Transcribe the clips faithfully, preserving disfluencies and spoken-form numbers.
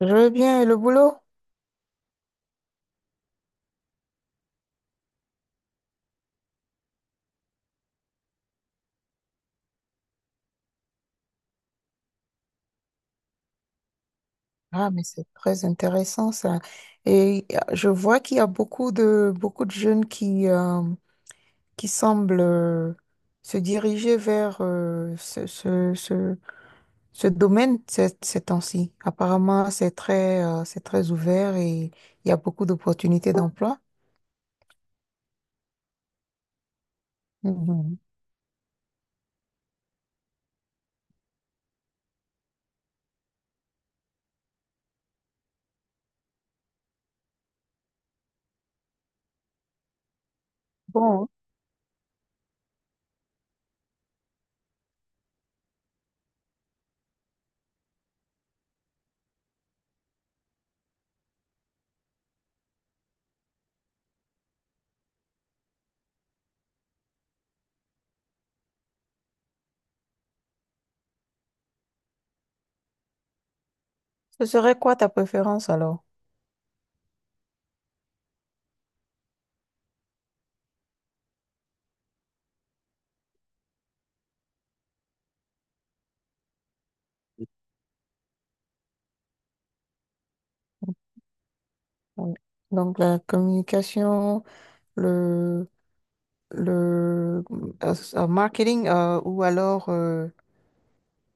Je veux bien, et le boulot? Ah, mais c'est très intéressant ça. Et euh, je vois qu'il y a beaucoup de, beaucoup de jeunes qui, euh, qui semblent euh, se diriger vers euh, ce, ce, ce, ce domaine ces, ces temps-ci. Apparemment, c'est très, euh, c'est très ouvert et il y a beaucoup d'opportunités d'emploi. Mhm. Bon, ce serait quoi ta préférence alors? Oui. Donc, la communication, le euh, euh, marketing euh, ou alors euh,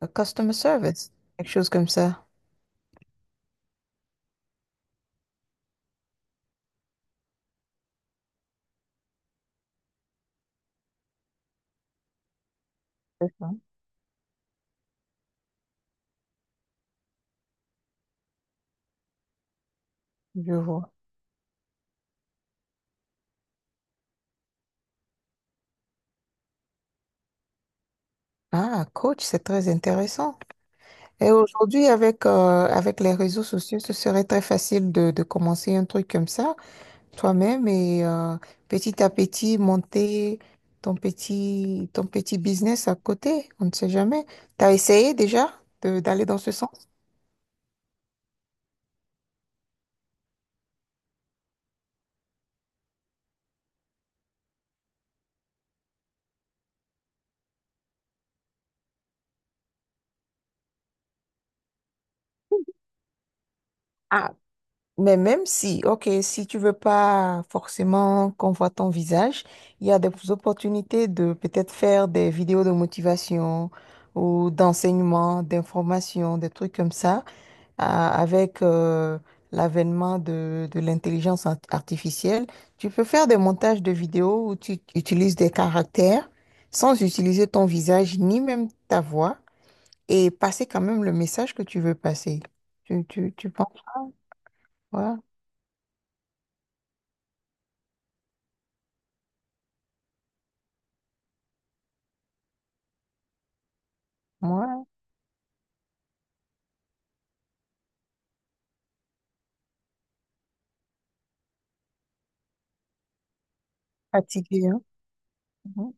le customer service, quelque chose comme ça. C'est ça. Je vois. Ah, coach, c'est très intéressant. Et aujourd'hui, avec, euh, avec les réseaux sociaux, ce serait très facile de, de commencer un truc comme ça toi-même et euh, petit à petit monter ton petit, ton petit business à côté. On ne sait jamais. T'as essayé déjà de- d'aller dans ce sens? ah Mais même si, ok, si tu veux pas forcément qu'on voit ton visage, il y a des opportunités de peut-être faire des vidéos de motivation ou d'enseignement, d'information, des trucs comme ça, à- avec euh, l'avènement de, de l'intelligence art- artificielle. Tu peux faire des montages de vidéos où tu utilises des caractères sans utiliser ton visage ni même ta voix et passer quand même le message que tu veux passer. Tu, tu, tu penses quoi? Moi? Fatigué, hein? Mhm.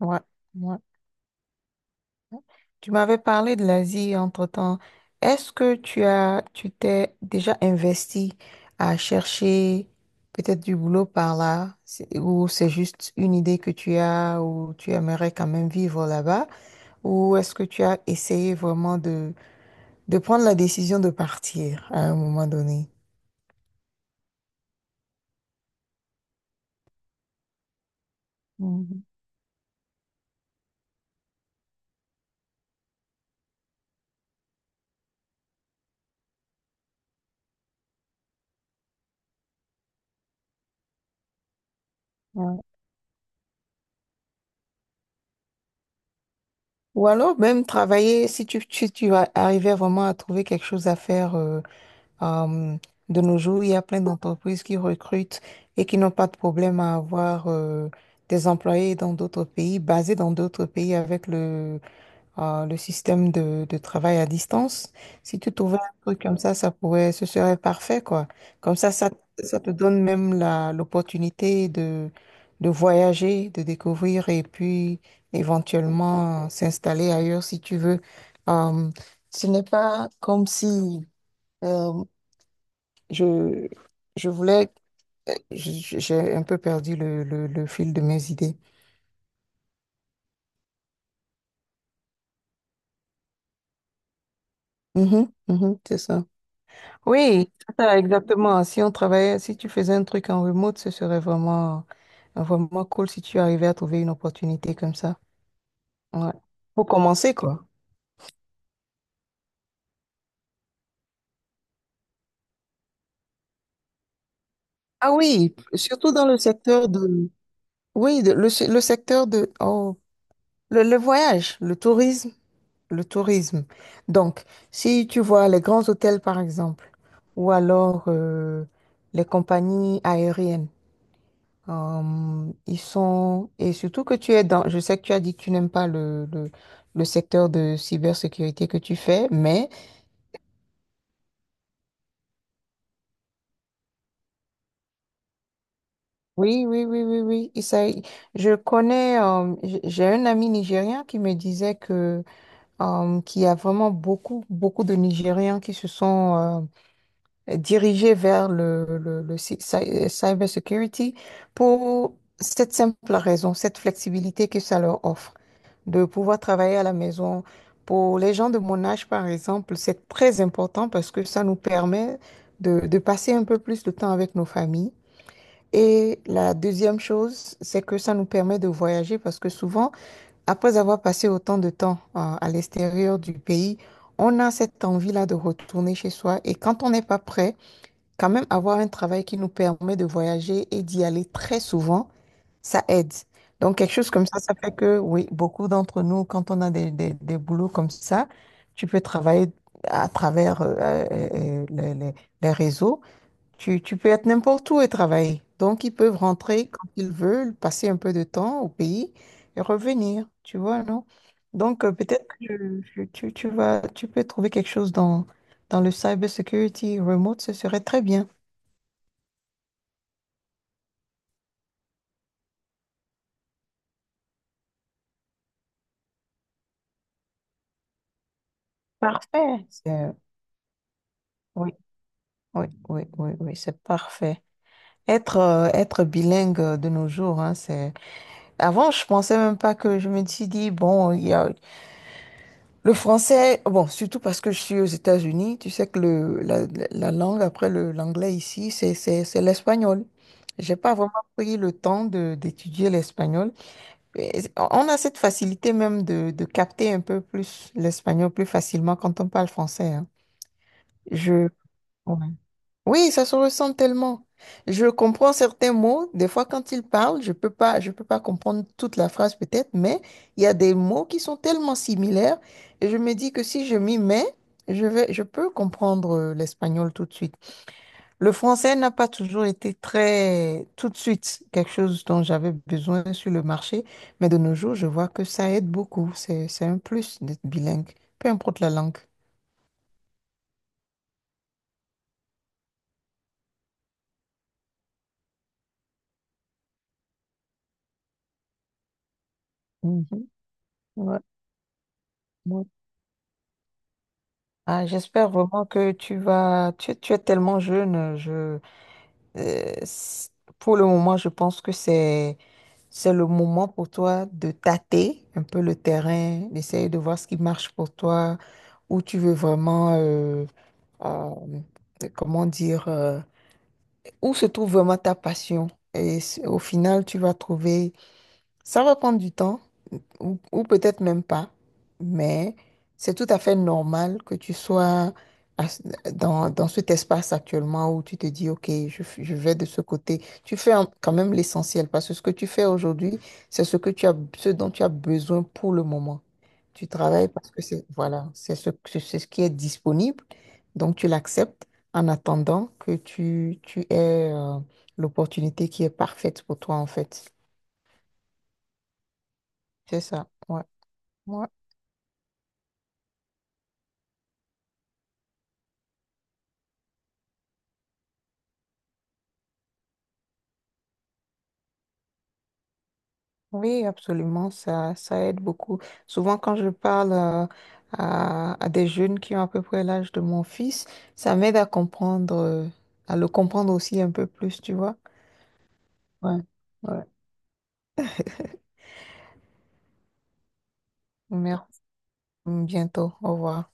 Ouais, ouais, ouais. Tu m'avais parlé de l'Asie entre-temps. Est-ce que tu as, tu t'es déjà investi à chercher peut-être du boulot par là? C'est- ou c'est juste une idée que tu as, ou tu aimerais quand même vivre là-bas, ou est-ce que tu as essayé vraiment de, de prendre la décision de partir à un moment donné? Mhm. Ouais. Ou alors même travailler, si tu, tu, tu vas- arrivais vraiment à trouver quelque chose à faire. euh, Euh, de nos jours, il y a plein d'entreprises qui recrutent et qui n'ont pas de problème à avoir euh, des employés dans d'autres pays, basés dans d'autres pays avec le, euh, le système de, de travail à distance. Si tu trouvais un truc comme ça, ça pourrait, ce serait parfait, quoi. Comme ça, ça, Ça te donne même la, l'opportunité de, de voyager, de découvrir et puis éventuellement euh, s'installer ailleurs si tu veux. Euh, Ce n'est pas comme si... euh, je, je voulais, euh, j- j'ai un peu perdu le, le, le fil de mes idées. Mhm, mhm, c'est ça. Oui, c'est ça, exactement. Si on travaillait, si tu faisais un truc en remote, ce serait vraiment, vraiment cool si tu arrivais à trouver une opportunité comme ça. Ouais. Pour commencer, quoi. Ah oui, surtout dans le secteur de... Oui, de- le, le secteur de... Oh, le, le voyage, le tourisme. Le tourisme. Donc, si tu vois les grands hôtels, par exemple, ou alors euh, les compagnies aériennes, euh, ils sont... Et surtout que tu es dans... Je sais que tu as dit que tu n'aimes pas le, le, le secteur de cybersécurité que tu fais, mais oui, oui, oui, oui, oui. il s'a- Je connais... euh, j- j'ai un ami nigérien qui me disait que euh, qu'il y a vraiment beaucoup, beaucoup de Nigériens qui se sont... euh, euh, dirigé vers le, le, le cy- cy- euh, cyber security pour cette simple raison, cette flexibilité que ça leur offre, de pouvoir travailler à la maison. Pour les gens de mon âge, par exemple, c'est très important parce que ça nous permet de, de passer un peu plus de temps avec nos familles. Et la deuxième chose, c'est que ça nous permet de voyager parce que souvent, après avoir passé autant de temps euh, à l'extérieur du pays, on a cette envie-là de retourner chez soi. Et quand on n'est pas prêt, quand même avoir un travail qui nous permet de voyager et d'y aller très souvent, ça aide. Donc, quelque chose comme ça, ça fait que, oui, beaucoup d'entre nous, quand on a des, des, des boulots comme ça, tu peux travailler à travers euh, euh, euh, les, les- les réseaux. Tu, tu peux être n'importe où et travailler. Donc, ils peuvent rentrer quand ils veulent, passer un peu de temps au pays et revenir, tu vois, non? Donc, euh, peut-être que tu, tu, tu vas, tu peux trouver quelque chose dans, dans le cybersecurity remote, ce serait très bien. Parfait. C'est- Oui, oui, oui, oui, oui, c'est parfait. Être, euh, être bilingue euh, de nos jours, hein, c'est... Avant, je pensais même pas que je me suis dit, bon, il y a le français, bon, surtout parce que je suis aux États-Unis, tu sais que le, la, la langue après le, l'anglais ici, c'est, c'est, c'est l'espagnol. J'ai pas vraiment pris le temps de, d'étudier l'espagnol. Et on a cette facilité même de, de capter un peu plus l'espagnol plus facilement quand on parle français, hein. Je... ouais. Oui, ça se ressent tellement. Je comprends certains mots. Des fois, quand ils parlent, je peux pas, je peux pas comprendre toute la phrase peut-être, mais il y a des mots qui sont tellement similaires et je me dis que si je m'y mets, je vais, je peux comprendre euh, l'espagnol tout de suite. Le français n'a pas toujours été très tout de suite quelque chose dont j'avais besoin sur le marché, mais de nos jours, je vois que ça aide beaucoup. C'est, c'est un plus d'être bilingue, peu importe la langue. Mhm. Ouais, ouais. Ah, j'espère vraiment que tu vas. Tu, tu es tellement jeune. Je, euh, c- pour le moment, je pense que c'est c'est le moment pour toi de tâter un peu le terrain, d'essayer de voir ce qui marche pour toi, où tu veux vraiment, euh, euh, comment dire, euh, où se trouve vraiment ta passion. Et s- au final, tu vas trouver ça va prendre du temps, ou, ou peut-être même pas, mais c'est tout à fait normal que tu sois à ce- dans, dans cet espace actuellement où tu te dis, OK, je, f- je vais de ce côté. Tu fais en- quand même l'essentiel parce que ce que tu fais aujourd'hui, c'est ce que tu as, ce dont tu as besoin pour le moment. Tu travailles parce que c'est, voilà, c'est ce, c'est c'est ce qui est disponible, donc tu l'acceptes en attendant que tu, tu aies euh, l'opportunité qui est parfaite pour toi, en fait. C'est ça, ouais. Moi, oui, absolument, ça, ça aide beaucoup. Souvent, quand je parle euh, à, à des jeunes qui ont à peu près l'âge de mon fils, ça m'aide à comprendre, euh, à le comprendre aussi un peu plus, tu vois. Ouais, ouais. Merci, bientôt, au revoir.